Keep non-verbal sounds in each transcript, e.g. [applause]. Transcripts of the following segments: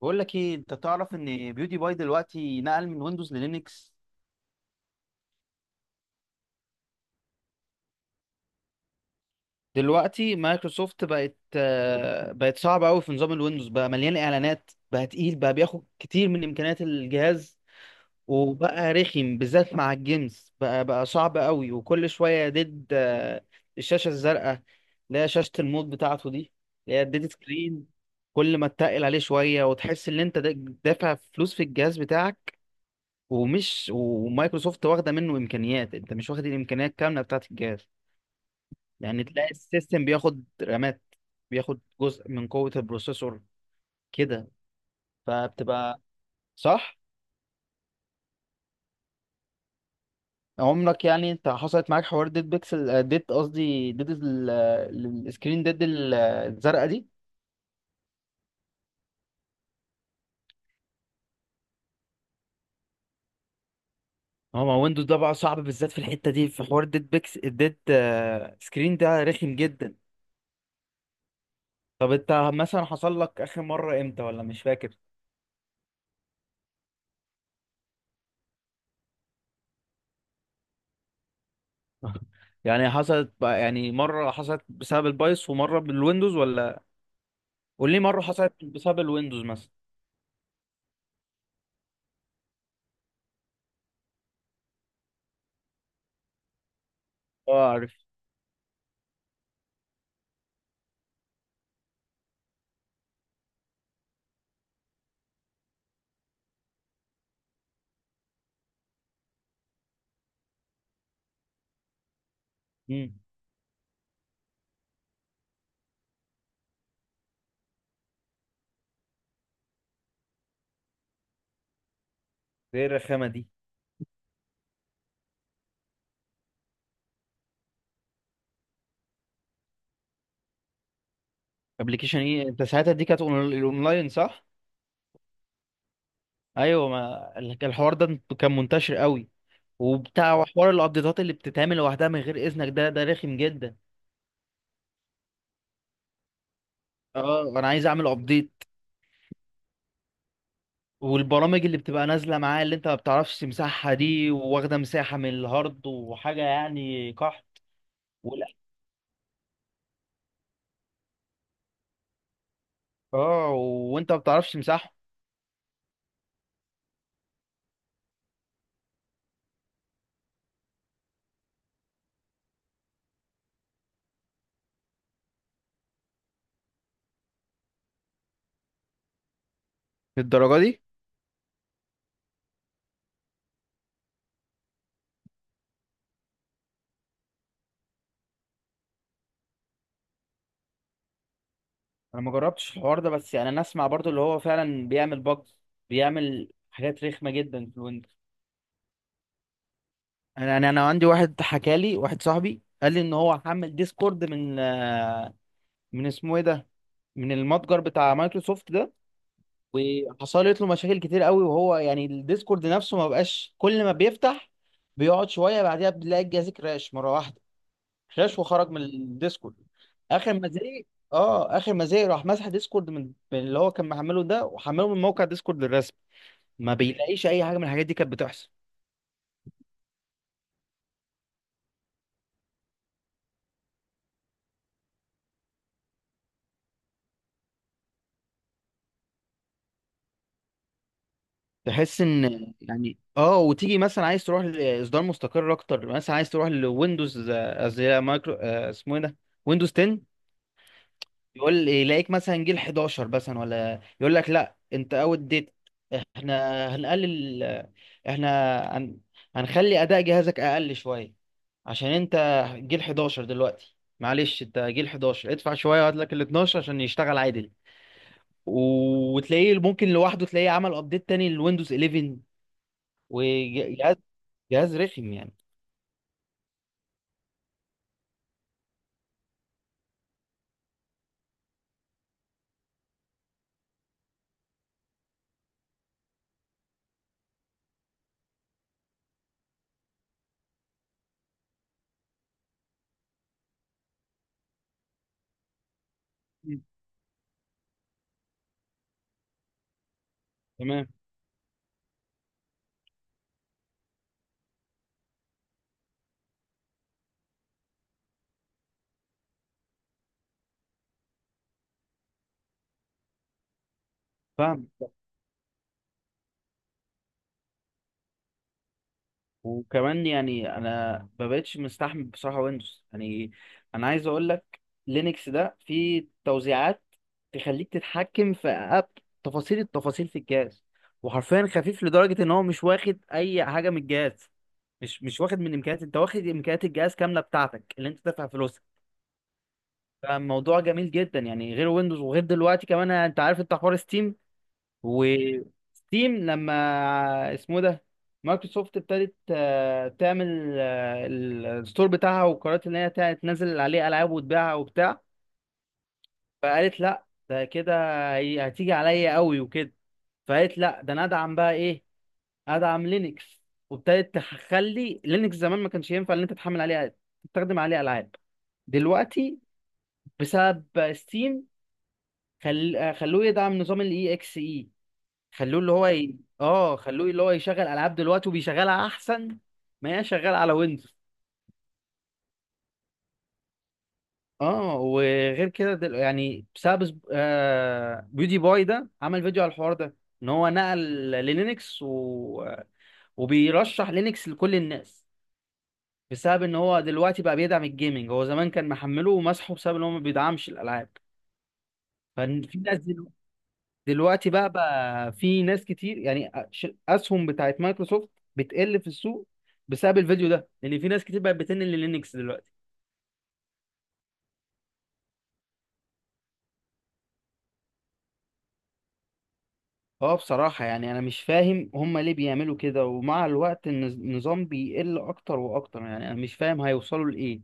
بقول لك ايه، انت تعرف ان بيوتي باي دلوقتي نقل من ويندوز للينكس. دلوقتي مايكروسوفت بقت صعبة قوي في نظام الويندوز. بقى مليان اعلانات، بقى تقيل، بقى بياخد كتير من امكانيات الجهاز. وبقى رخم بالذات مع الجيمز، بقى صعب قوي. وكل شوية ديد آه، الشاشة الزرقاء اللي هي شاشة الموت بتاعته دي، اللي هي الديد سكرين. كل ما تتقل عليه شوية وتحس ان انت دافع فلوس في الجهاز بتاعك. ومايكروسوفت واخده منه امكانيات، انت مش واخد الامكانيات كامله بتاعه الجهاز. يعني تلاقي السيستم بياخد رامات، بياخد جزء من قوه البروسيسور كده. فبتبقى صح. عمرك يعني انت حصلت معاك حوار ديد بيكسل آه، ديد قصدي ديد ال- السكرين ديد الزرقاء دي؟ هو ما ويندوز ده بقى صعب بالذات في الحته دي، في حوار ديد بيكس الديد آه، سكرين ده رخم جدا. طب انت مثلا حصل لك اخر مره امتى ولا مش فاكر؟ [laughs] يعني حصلت بقى، يعني مرة حصلت بسبب البايس ومرة بالويندوز ولا؟ قول لي مرة حصلت بسبب الويندوز مثلا. اه، عارف. امم. ايه الرخامة دي؟ ابلكيشن ايه؟ انت ساعتها دي كانت الاونلاين، صح؟ ايوه، ما الحوار ده كان منتشر قوي. وبتاع حوار الابديتات اللي بتتعمل لوحدها من غير اذنك ده رخم جدا. اه، انا عايز اعمل ابديت. والبرامج اللي بتبقى نازله معاه اللي انت ما بتعرفش تمسحها دي واخده مساحه من الهارد وحاجه يعني قحط. اه وانت ما بتعرفش تمسحه. للدرجه دي؟ انا ما جربتش الحوار ده، بس يعني انا اسمع برضو اللي هو فعلا بيعمل بجز، بيعمل حاجات رخمه جدا في الويندوز. انا يعني انا عندي واحد حكى لي، واحد صاحبي قال لي ان هو حمل ديسكورد من اسمه ايه ده، من المتجر بتاع مايكروسوفت ده، وحصلت له مشاكل كتير قوي. وهو يعني الديسكورد نفسه ما بقاش، كل ما بيفتح بيقعد شويه بعديها بتلاقي الجهاز كراش مره واحده، خش وخرج من الديسكورد. اخر ما زهق. اه، اخر ما زهق راح مسح ديسكورد من اللي هو كان محمله ده، وحمله من موقع ديسكورد الرسمي، ما بيلاقيش اي حاجه من الحاجات دي كانت بتحصل. تحس ان يعني، اه. وتيجي مثلا عايز تروح لاصدار مستقر اكتر، مثلا عايز تروح لويندوز آه، قصدي لا، مايكرو آه، اسمه ايه ده، ويندوز 10. يقول يلاقيك مثلا جيل 11 مثلا، ولا يقول لك لا انت اوت ديت. احنا هنقلل احنا هن... هنخلي اداء جهازك اقل شويه عشان انت جيل 11 دلوقتي. معلش انت جيل 11، ادفع شويه وهات لك ال 12 عشان يشتغل عادل. وتلاقيه ممكن لوحده تلاقيه عمل ابديت تاني للويندوز 11. وجهاز جهاز رخم يعني. مم. تمام. فاهم. وكمان يعني انا ما بقتش مستحمل بصراحه ويندوز يعني. انا عايز اقول لك، لينكس ده فيه توزيعات تخليك تتحكم في أب تفاصيل التفاصيل في الجهاز، وحرفيا خفيف لدرجه ان هو مش واخد اي حاجه من الجهاز. مش واخد من امكانيات، انت واخد امكانيات الجهاز كامله بتاعتك اللي انت دافع فلوسها. فالموضوع جميل جدا يعني، غير ويندوز. وغير دلوقتي كمان انت عارف انت حوار ستيم، وستيم لما اسمه ده، مايكروسوفت ابتدت آه، تعمل الستور بتاعها وقررت ان هي تنزل عليه العاب وتبيعها وبتاع. فقالت لا ده كده هتيجي عليا قوي وكده. فقالت لا، ده انا ادعم بقى ايه؟ ادعم لينكس. وابتدت تخلي لينكس، زمان ما كانش ينفع ان انت تحمل عليه، تستخدم عليه العاب، دلوقتي بسبب ستيم. خل... آه، خلوه يدعم نظام الاي اكس اي. خلوه اللي هو يشغل العاب دلوقتي وبيشغلها احسن ما هي شغاله على ويندوز. اه وغير كده دل... يعني بسبب سب- آه... بيودي باي ده عمل فيديو على الحوار ده ان هو نقل للينكس وبيرشح لينكس لكل الناس بسبب ان هو دلوقتي بقى بيدعم الجيمنج. هو زمان كان محمله ومسحه بسبب ان هو ما بيدعمش الالعاب. ففي ناس دلوقتي بقى بقى في ناس كتير يعني، اسهم بتاعت مايكروسوفت بتقل في السوق بسبب الفيديو ده، لان في ناس كتير بقت بتنقل للينكس دلوقتي. اه بصراحة يعني انا مش فاهم هما ليه بيعملوا كده، ومع الوقت النظام بيقل اكتر واكتر. يعني انا مش فاهم هيوصلوا لايه.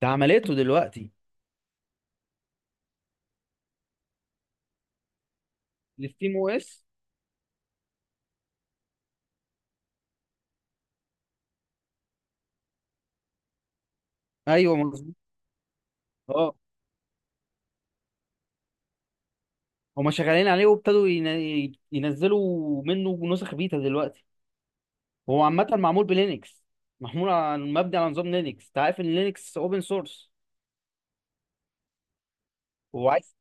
ده عملته دلوقتي؟ الستيم او اس. ايوه مظبوط. اه، هما شغالين عليه وابتدوا ينزلوا منه نسخ بيتا دلوقتي. هو عامة معمول بلينكس، محمول على مبني على نظام لينكس. انت عارف ان لينكس اوبن سورس. هو عايز،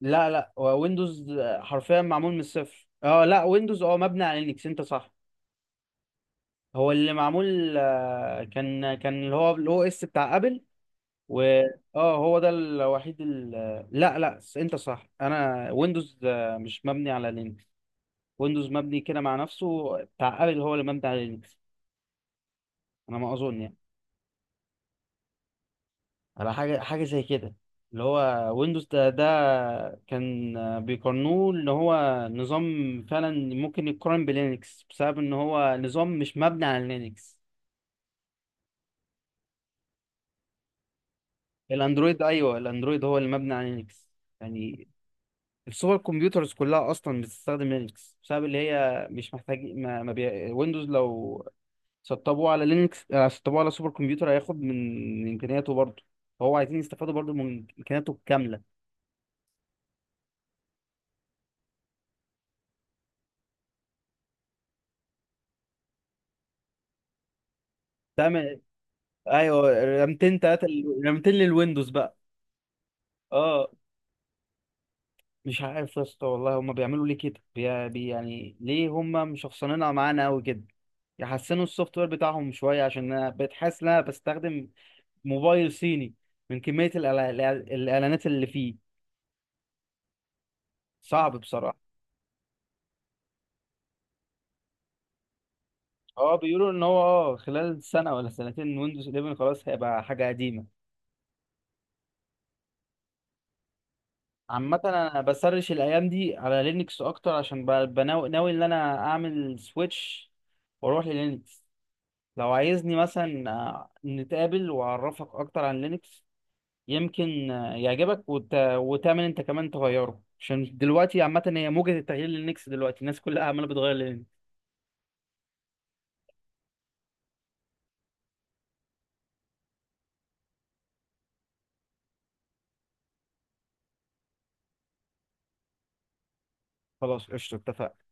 لا لا هو ويندوز حرفيا معمول من الصفر. اه لا، ويندوز اه مبني على لينكس، انت صح. هو اللي معمول آه، كان كان اللي هو الاو اس بتاع ابل. و اه هو ده الوحيد ال... لا لا انت صح، انا ويندوز آه، مش مبني على لينكس. ويندوز مبني كده مع نفسه، بتاع ابل هو اللي مبني على لينكس. انا ما اظن يعني، على حاجة زي كده، اللي هو ويندوز ده كان بيقارنوه ان هو نظام فعلا ممكن يتقارن بلينكس بسبب ان هو نظام مش مبني على لينكس. الاندرويد، ايوه، الاندرويد هو اللي مبني على لينكس يعني. السوبر كمبيوترز كلها اصلا بتستخدم لينكس بسبب اللي هي مش محتاج ما, ما بي... ويندوز لو سطبوه على لينكس آه، سطبوه على سوبر كمبيوتر هياخد من امكانياته برضه. فهو عايزين يستفادوا برضه من امكانياته الكاملة. ده ايوه، رامتين تلاتة رامتين للويندوز بقى. اه مش عارف يا اسطى والله، هما بيعملوا ليه كده؟ بي... بي يعني ليه هما مشخصنينها معانا قوي كده؟ يحسنوا السوفت وير بتاعهم شويه، عشان انا بقيت حاسس ان انا بستخدم موبايل صيني من كميه الاعلانات اللي فيه. صعب بصراحه. اه بيقولوا ان هو اه خلال سنه ولا سنتين ويندوز 11 خلاص هيبقى حاجه قديمه. عامة انا بسرش الايام دي على لينكس اكتر، عشان ب- بناوي ناوي ان انا اعمل سويتش واروح للينكس. لو عايزني مثلا نتقابل واعرفك اكتر عن لينكس، يمكن يعجبك وتعمل انت كمان تغيره. عشان دلوقتي عامة هي موجة التغيير للينكس دلوقتي، الناس كلها عمالة بتغير للينكس. خلاص قشطة، اتفقنا.